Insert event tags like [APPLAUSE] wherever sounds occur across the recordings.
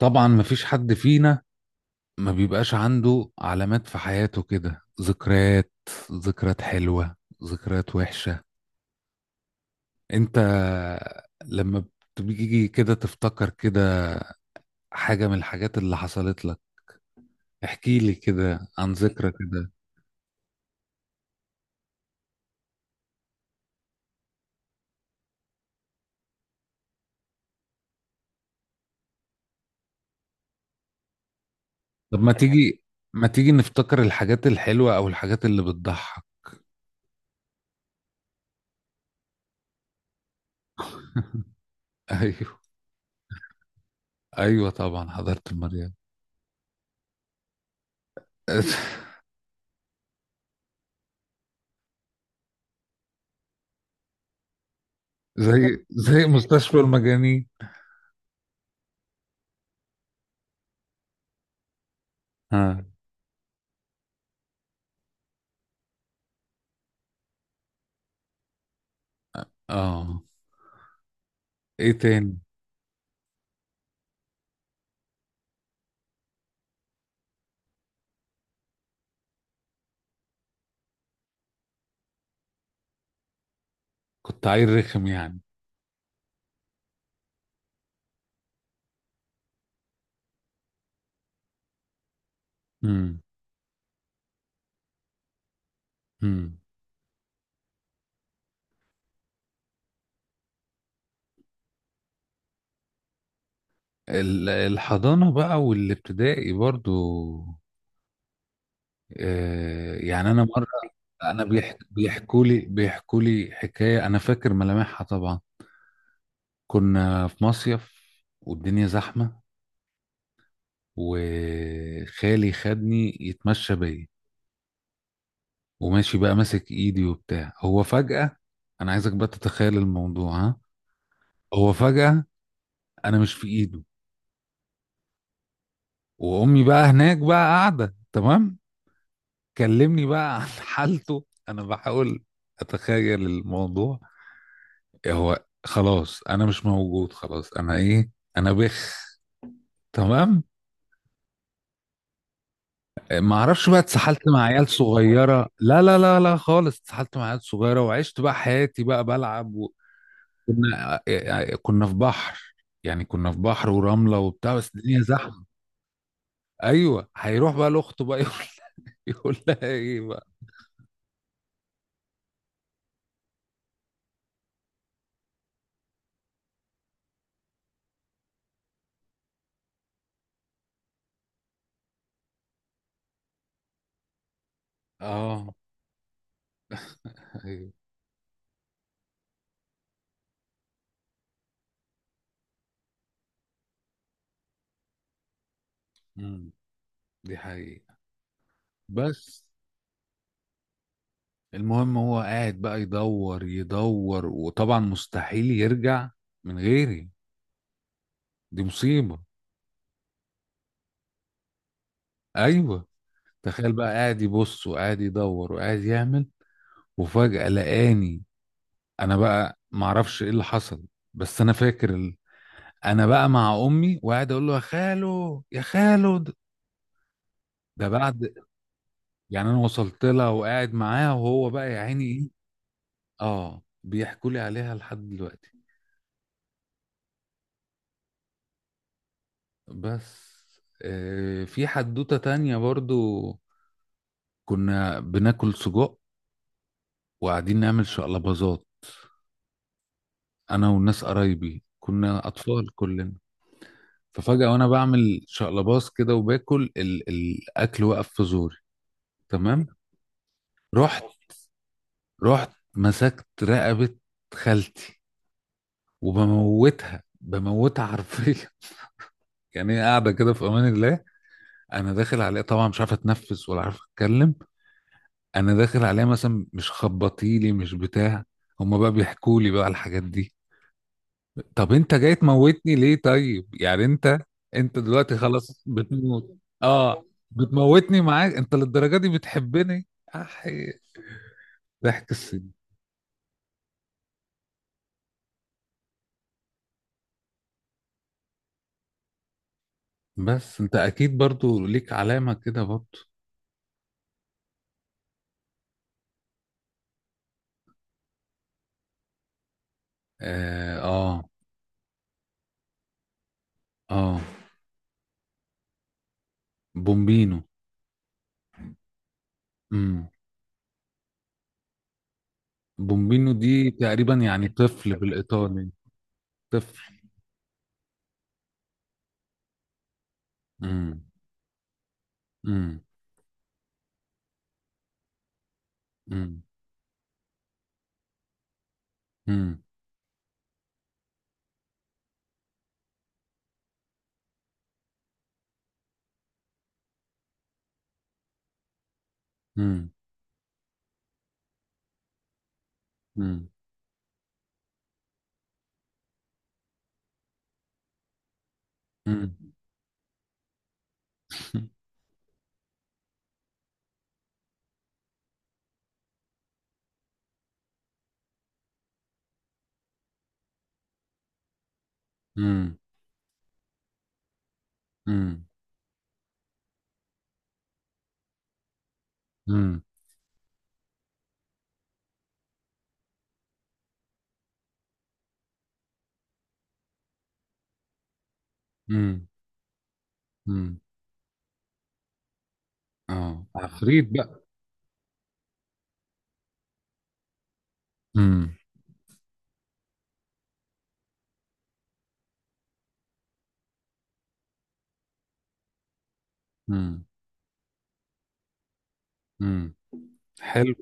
طبعا، مفيش حد فينا ما بيبقاش عنده علامات في حياته كده. ذكريات، ذكريات حلوة، ذكريات وحشة. انت لما بتيجي كده تفتكر كده حاجة من الحاجات اللي حصلت لك، احكي لي كده عن ذكرى كده. طب ما تيجي نفتكر الحاجات الحلوة او الحاجات اللي بتضحك. [LAUGHS] ايوه. ايوه طبعا، حضرت المريض. [LAUGHS] زي مستشفى المجانين. ها. اه. ايه تاني؟ كنت عيل رخم يعني؟ امم. امم. الحضانة بقى والابتدائي برضو. آه، يعني أنا مرة، أنا بيحكوا لي حكاية أنا فاكر ملامحها طبعا. كنا في مصيف والدنيا زحمة، وخالي خدني يتمشى بيا، وماشي بقى ماسك إيدي وبتاع. هو فجأة، أنا عايزك بقى تتخيل الموضوع، ها. هو فجأة أنا مش في إيده، وأمي بقى هناك بقى قاعدة تمام. كلمني بقى عن [LAUGHS] حالته. انا بحاول اتخيل الموضوع. هو خلاص انا مش موجود، خلاص انا ايه، انا بخ، تمام. ما اعرفش بقى، اتسحلت مع عيال صغيره، لا لا لا لا خالص، اتسحلت مع عيال صغيره وعشت بقى حياتي بقى بلعب و. كنا آه، آه، كنا في بحر، يعني كنا في بحر ورمله وبتاع، بس الدنيا زحمه. ايوه، هيروح بقى لاخته بقى يقول. [LAUGHS] يقول لها ايه بقى. اه. ايوه. أمم، دي حقيقة. بس المهم هو قاعد بقى يدور يدور، وطبعا مستحيل يرجع من غيري. دي مصيبة. ايوه، تخيل بقى قاعد يبص وقاعد يدور وقاعد يعمل، وفجأة لقاني. انا بقى معرفش ايه اللي حصل، بس انا فاكر انا بقى مع امي وقاعد اقول له يا خالو يا خالو ده. ده بعد، يعني انا وصلت لها وقاعد معاها وهو بقى يا عيني ايه. اه، بيحكوا لي عليها لحد دلوقتي. بس آه، في حدوتة تانية برضو. كنا بناكل سجق وقاعدين نعمل شقلباظات. انا والناس قرايبي كنا اطفال كلنا. ففجأة وانا بعمل شقلباظ كده وباكل الاكل وقف في زوري، تمام. رحت رحت مسكت رقبة خالتي وبموتها بموتها حرفيا. [LAUGHS] يعني هي قاعدة كده في امان الله، انا داخل عليها طبعا مش عارف اتنفس ولا عارف اتكلم. انا داخل عليها مثلا مش خبطيلي مش بتاع. هما بقى بيحكوا لي بقى الحاجات دي. طب انت جاي تموتني ليه؟ طيب يعني انت، انت دلوقتي خلاص بتموت؟ اه. بتموتني معاك؟ انت للدرجه دي بتحبني؟ احي، ضحك السن. بس انت اكيد برضو ليك علامه كده برضو. اه، اه. آه. بومبينو. امم. بومبينو دي تقريبا يعني طفل بالايطالي. طفل. امم. امم. امم. امم. امم. امم. امم. امم. امم. امم. [LAUGHS] اه، عفريت بقى. امم. امم. امم. حلو.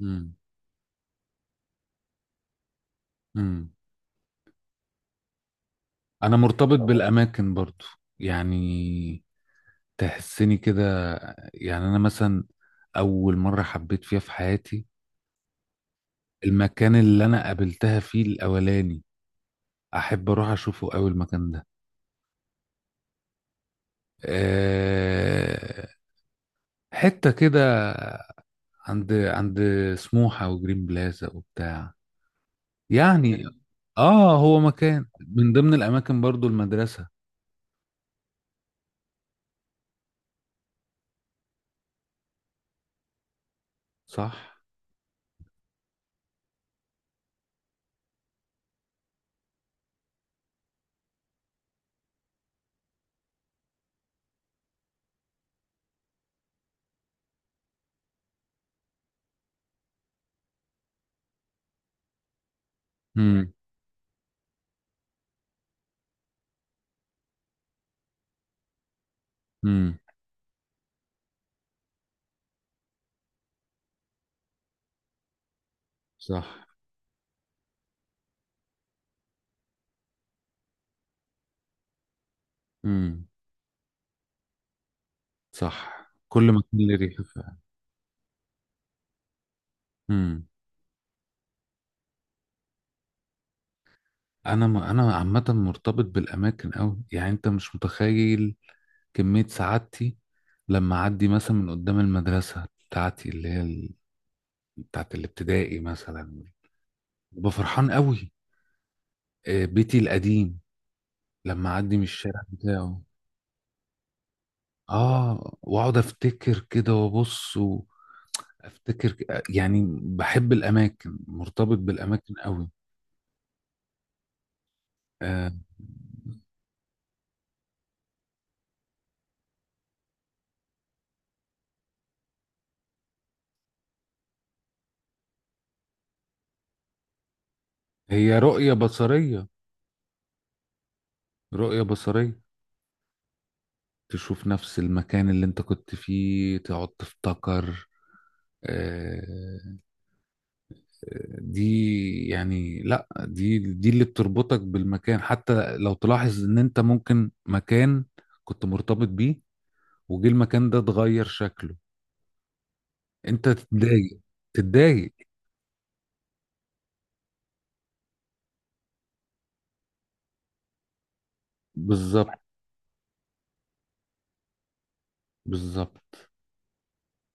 امم. امم. انا مرتبط بالاماكن برضو، يعني تحسني كده. يعني انا مثلا اول مره حبيت فيها في حياتي، المكان اللي انا قابلتها فيه الاولاني، احب اروح اشوفه قوي المكان ده. أه، حته كده، عند سموحه وجرين بلازا وبتاع. يعني اه، هو مكان من ضمن الاماكن برضو المدرسه. صح. امم. امم. صح. امم. صح، كل ما كان ليه ريحه فعلا. امم. انا انا عامه مرتبط بالاماكن قوي، يعني انت مش متخيل كميه سعادتي لما اعدي مثلا من قدام المدرسه بتاعتي اللي هي بتاعت الابتدائي مثلا. ببقى فرحان قوي. آه، بيتي القديم لما اعدي من الشارع بتاعه. اه، واقعد افتكر كده وابص و. افتكر يعني بحب الاماكن، مرتبط بالاماكن قوي. آه. هي رؤية بصرية. رؤية بصرية. تشوف نفس المكان اللي انت كنت فيه تقعد تفتكر. آه، دي يعني لا دي اللي بتربطك بالمكان، حتى لو تلاحظ ان انت ممكن مكان كنت مرتبط بيه وجه المكان ده اتغير شكله، انت تتضايق. تتضايق. بالظبط. بالظبط،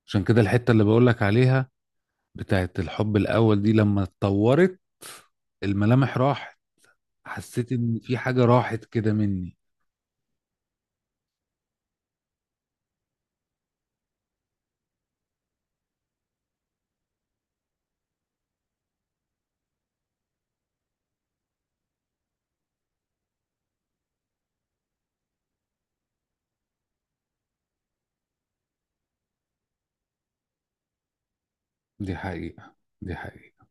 عشان كده الحتة اللي بقولك عليها بتاعت الحب الأول دي لما اتطورت الملامح راحت، حسيت ان في حاجة راحت كده مني. دي حقيقة. دي حقيقة.